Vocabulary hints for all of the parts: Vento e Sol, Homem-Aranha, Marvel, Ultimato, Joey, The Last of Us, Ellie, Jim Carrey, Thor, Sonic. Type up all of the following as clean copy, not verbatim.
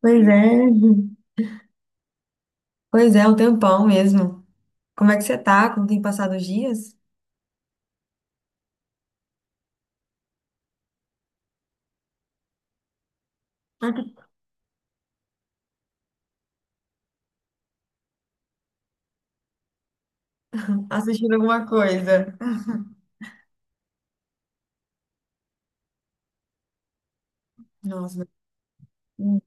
Pois é, um tempão mesmo. Como é que você tá? Como tem passado os dias? Assistindo alguma coisa? Nossa, mas- hum,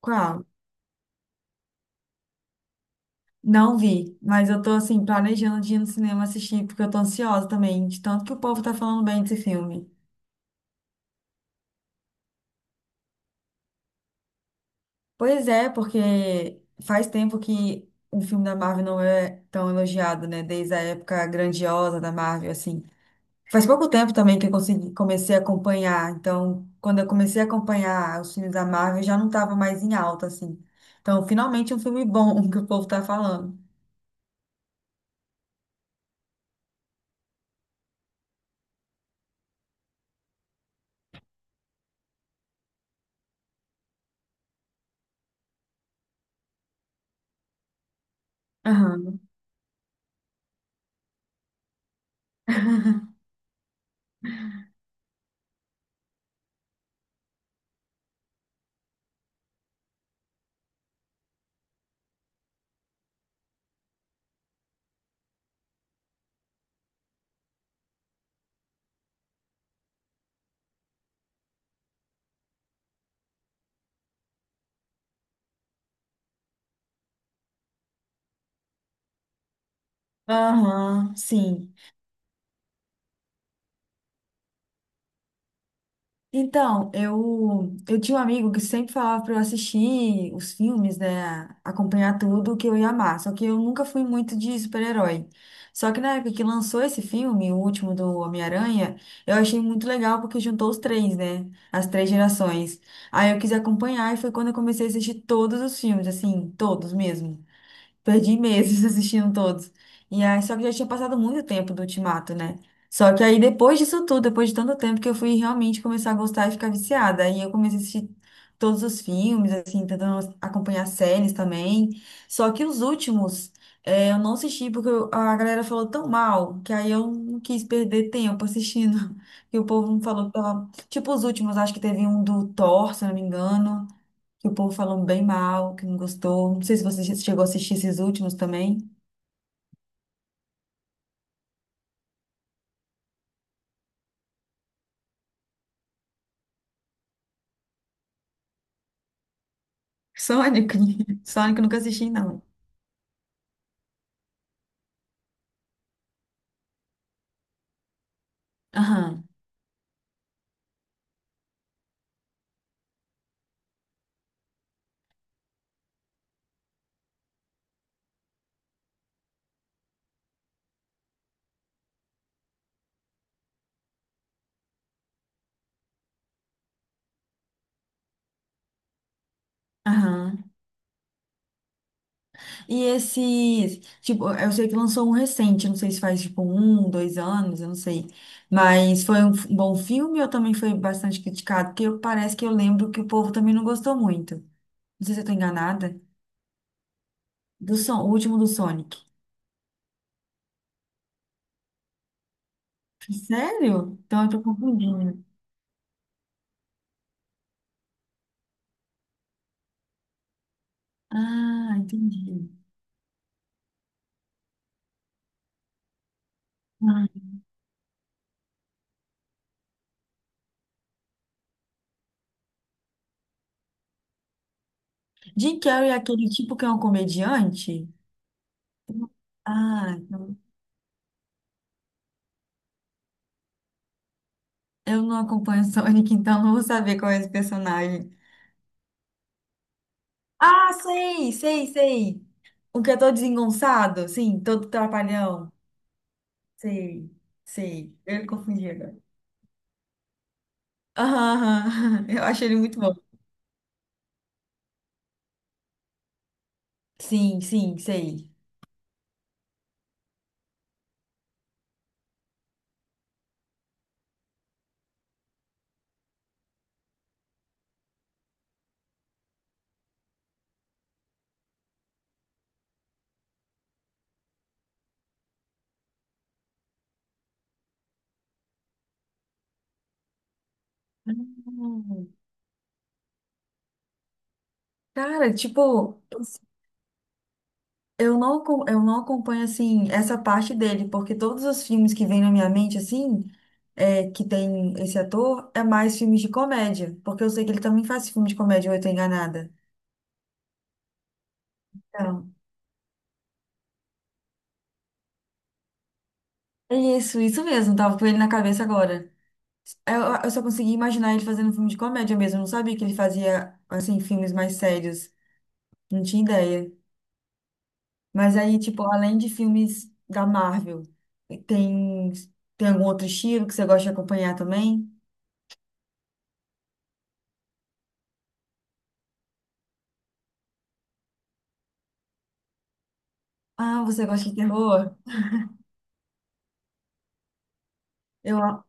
qual? Não vi, mas eu tô assim, planejando de ir no cinema assistir, porque eu tô ansiosa também, de tanto que o povo tá falando bem desse filme. Pois é, porque faz tempo que o filme da Marvel não é tão elogiado, né? Desde a época grandiosa da Marvel, assim. Faz pouco tempo também que eu consegui, comecei a acompanhar. Então, quando eu comecei a acompanhar os filmes da Marvel, já não estava mais em alta, assim. Então, finalmente um filme bom que o povo tá falando. Aham. Aham, sim. Então, eu tinha um amigo que sempre falava para eu assistir os filmes, né? Acompanhar tudo que eu ia amar. Só que eu nunca fui muito de super-herói. Só que na época que lançou esse filme, o último do Homem-Aranha, eu achei muito legal porque juntou os três, né? As três gerações. Aí eu quis acompanhar e foi quando eu comecei a assistir todos os filmes, assim, todos mesmo. Perdi meses assistindo todos. E aí, só que já tinha passado muito tempo do Ultimato, né? Só que aí, depois disso tudo, depois de tanto tempo que eu fui realmente começar a gostar e ficar viciada. Aí eu comecei a assistir todos os filmes, assim, tentando acompanhar séries também. Só que os últimos, eu não assisti porque a galera falou tão mal que aí eu não quis perder tempo assistindo. E o povo falou que tipo, os últimos, acho que teve um do Thor, se eu não me engano que o povo falou bem mal, que não gostou. Não sei se você chegou a assistir esses últimos também. Sonic. Sonic eu nunca assisti, não. Aham. Aham. E esse, tipo, eu sei que lançou um recente, não sei se faz tipo um, dois anos, eu não sei. Mas foi um bom filme ou também foi bastante criticado? Porque parece que eu lembro que o povo também não gostou muito. Não sei se eu tô enganada. O último do Sonic. Sério? Então eu tô confundindo. Ah, entendi. Jim Carrey é aquele tipo que é um comediante? Ah, então, eu não acompanho Sonic, então não vou saber qual é esse personagem. Ah, sei, sei, sei. O que é todo desengonçado, sim, todo trapalhão. Sei, sei. Eu me confundi agora. Aham, aham. Eu acho ele muito bom. Sim, sim, sei. Hum. Cara, tipo, eu não acompanho, assim, essa parte dele, porque todos os filmes que vêm na minha mente, assim, é, que tem esse ator, é mais filmes de comédia, porque eu sei que ele também faz filme de comédia, ou eu tô enganada. Então, é isso, isso mesmo, tava com ele na cabeça agora. É, eu só consegui imaginar ele fazendo filme de comédia mesmo, eu não sabia que ele fazia, assim, filmes mais sérios, não tinha ideia. Mas aí, tipo, além de filmes da Marvel, tem, tem algum outro estilo que você gosta de acompanhar também? Ah, você gosta de terror? Eu, ah,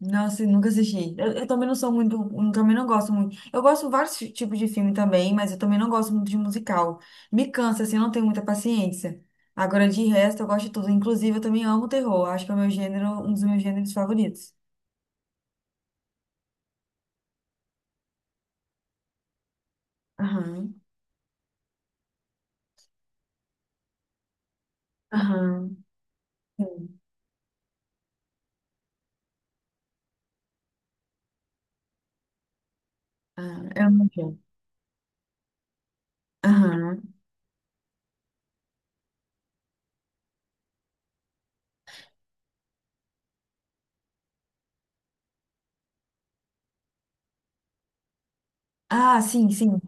não assim, nunca assisti. Eu também não sou muito, eu também não gosto muito. Eu gosto de vários tipos de filme também, mas eu também não gosto muito de musical. Me cansa, assim, eu não tenho muita paciência. Agora, de resto, eu gosto de tudo. Inclusive, eu também amo terror. Acho que é o meu gênero, um dos meus gêneros favoritos. Aham, aham, sim. Ah, eu não sei. Aham. Ah, sim, sim.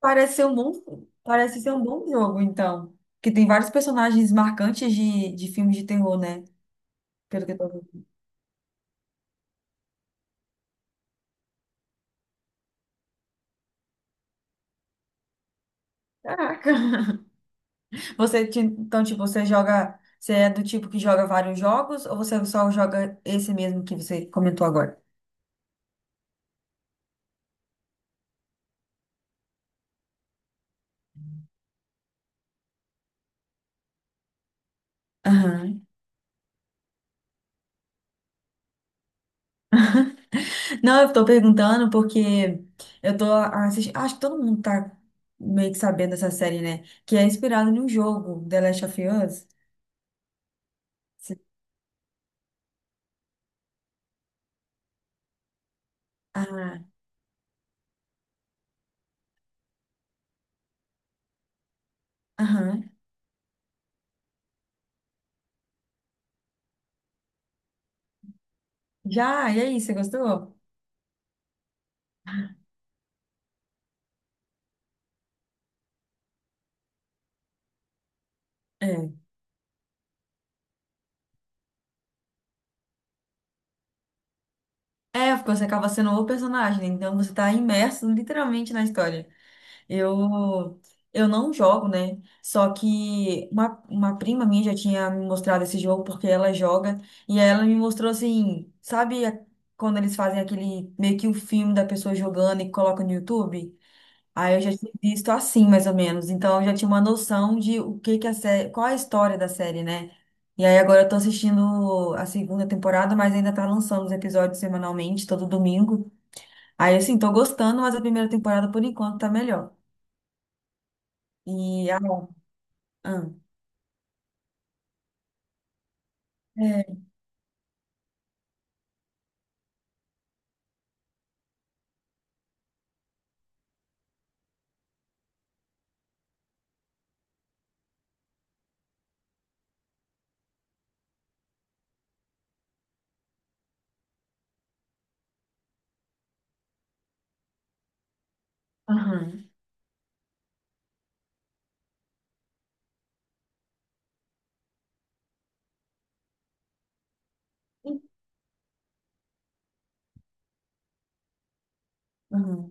Parece ser um bom, parece ser um bom jogo, então. Que tem vários personagens marcantes de filmes de terror, né? Pelo que eu tô vendo. Caraca! Então, tipo, você joga, você é do tipo que joga vários jogos ou você só joga esse mesmo que você comentou agora? Aham. Não, eu tô perguntando porque eu tô assistindo, acho que todo mundo tá meio que sabendo dessa série, né? Que é inspirado num jogo, The Last of Us. Você- Ah, aham. Já, e aí, você gostou? É. É, porque você acaba sendo o personagem, né? Então você tá imerso literalmente na história. Eu, eu não jogo, né? Só que uma prima minha já tinha me mostrado esse jogo porque ela joga. E aí ela me mostrou assim, quando eles fazem aquele meio que o filme da pessoa jogando e colocam no YouTube? Aí eu já tinha visto assim, mais ou menos. Então eu já tinha uma noção de o que que a série, qual a história da série, né? E aí agora eu tô assistindo a segunda temporada, mas ainda tá lançando os episódios semanalmente, todo domingo. Aí assim, tô gostando, mas a primeira temporada por enquanto tá melhor. E a. Ah, é, aham, aham.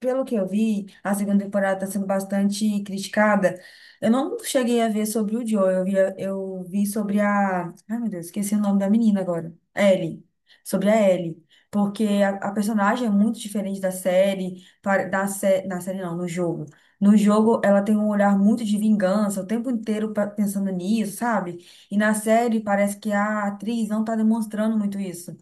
Pelo que eu vi, a segunda temporada está sendo bastante criticada. Eu não cheguei a ver sobre o Joe, eu vi sobre a. Ai, meu Deus, esqueci o nome da menina agora. Ellie. Sobre a Ellie. Porque a personagem é muito diferente da série, na série não, no jogo. No jogo, ela tem um olhar muito de vingança, o tempo inteiro pensando nisso, sabe? E na série, parece que a atriz não está demonstrando muito isso.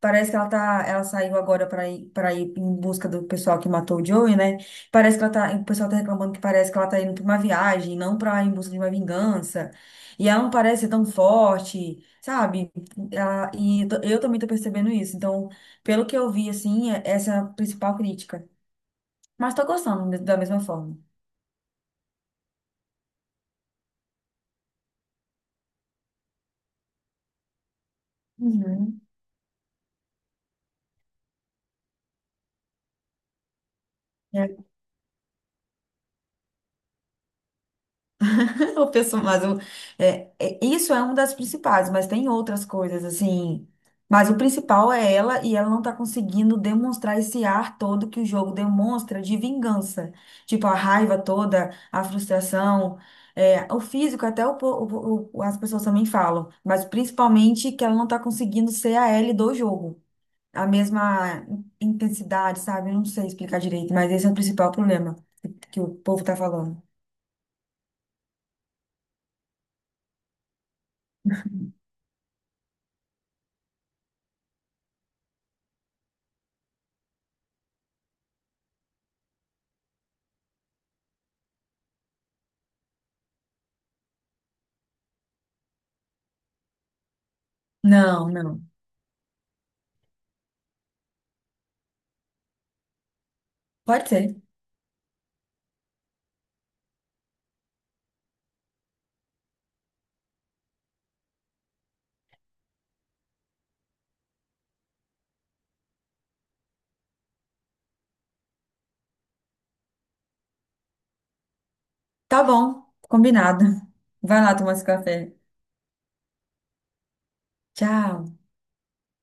Parece que ela tá, ela saiu agora para ir em busca do pessoal que matou o Joey, né? Parece que ela tá, o pessoal tá reclamando que parece que ela tá indo pra uma viagem, não pra ir em busca de uma vingança. E ela não parece ser tão forte, sabe? Ela, e eu, tô- eu também tô percebendo isso. Então, pelo que eu vi, assim, essa é a principal crítica. Mas tô gostando da mesma forma. Uhum. O pessoal, mas o, isso é uma das principais, mas tem outras coisas, assim. Mas o principal é ela, e ela não tá conseguindo demonstrar esse ar todo que o jogo demonstra de vingança. Tipo, a raiva toda, a frustração. É, o físico, até o, po- o- as pessoas também falam, mas principalmente que ela não tá conseguindo ser a Ellie do jogo. A mesma intensidade, sabe? Eu não sei explicar direito, mas esse é o principal problema que o povo tá falando. Não, não. Pode ser. Tá bom, combinado. Vai lá tomar esse café. Tchau.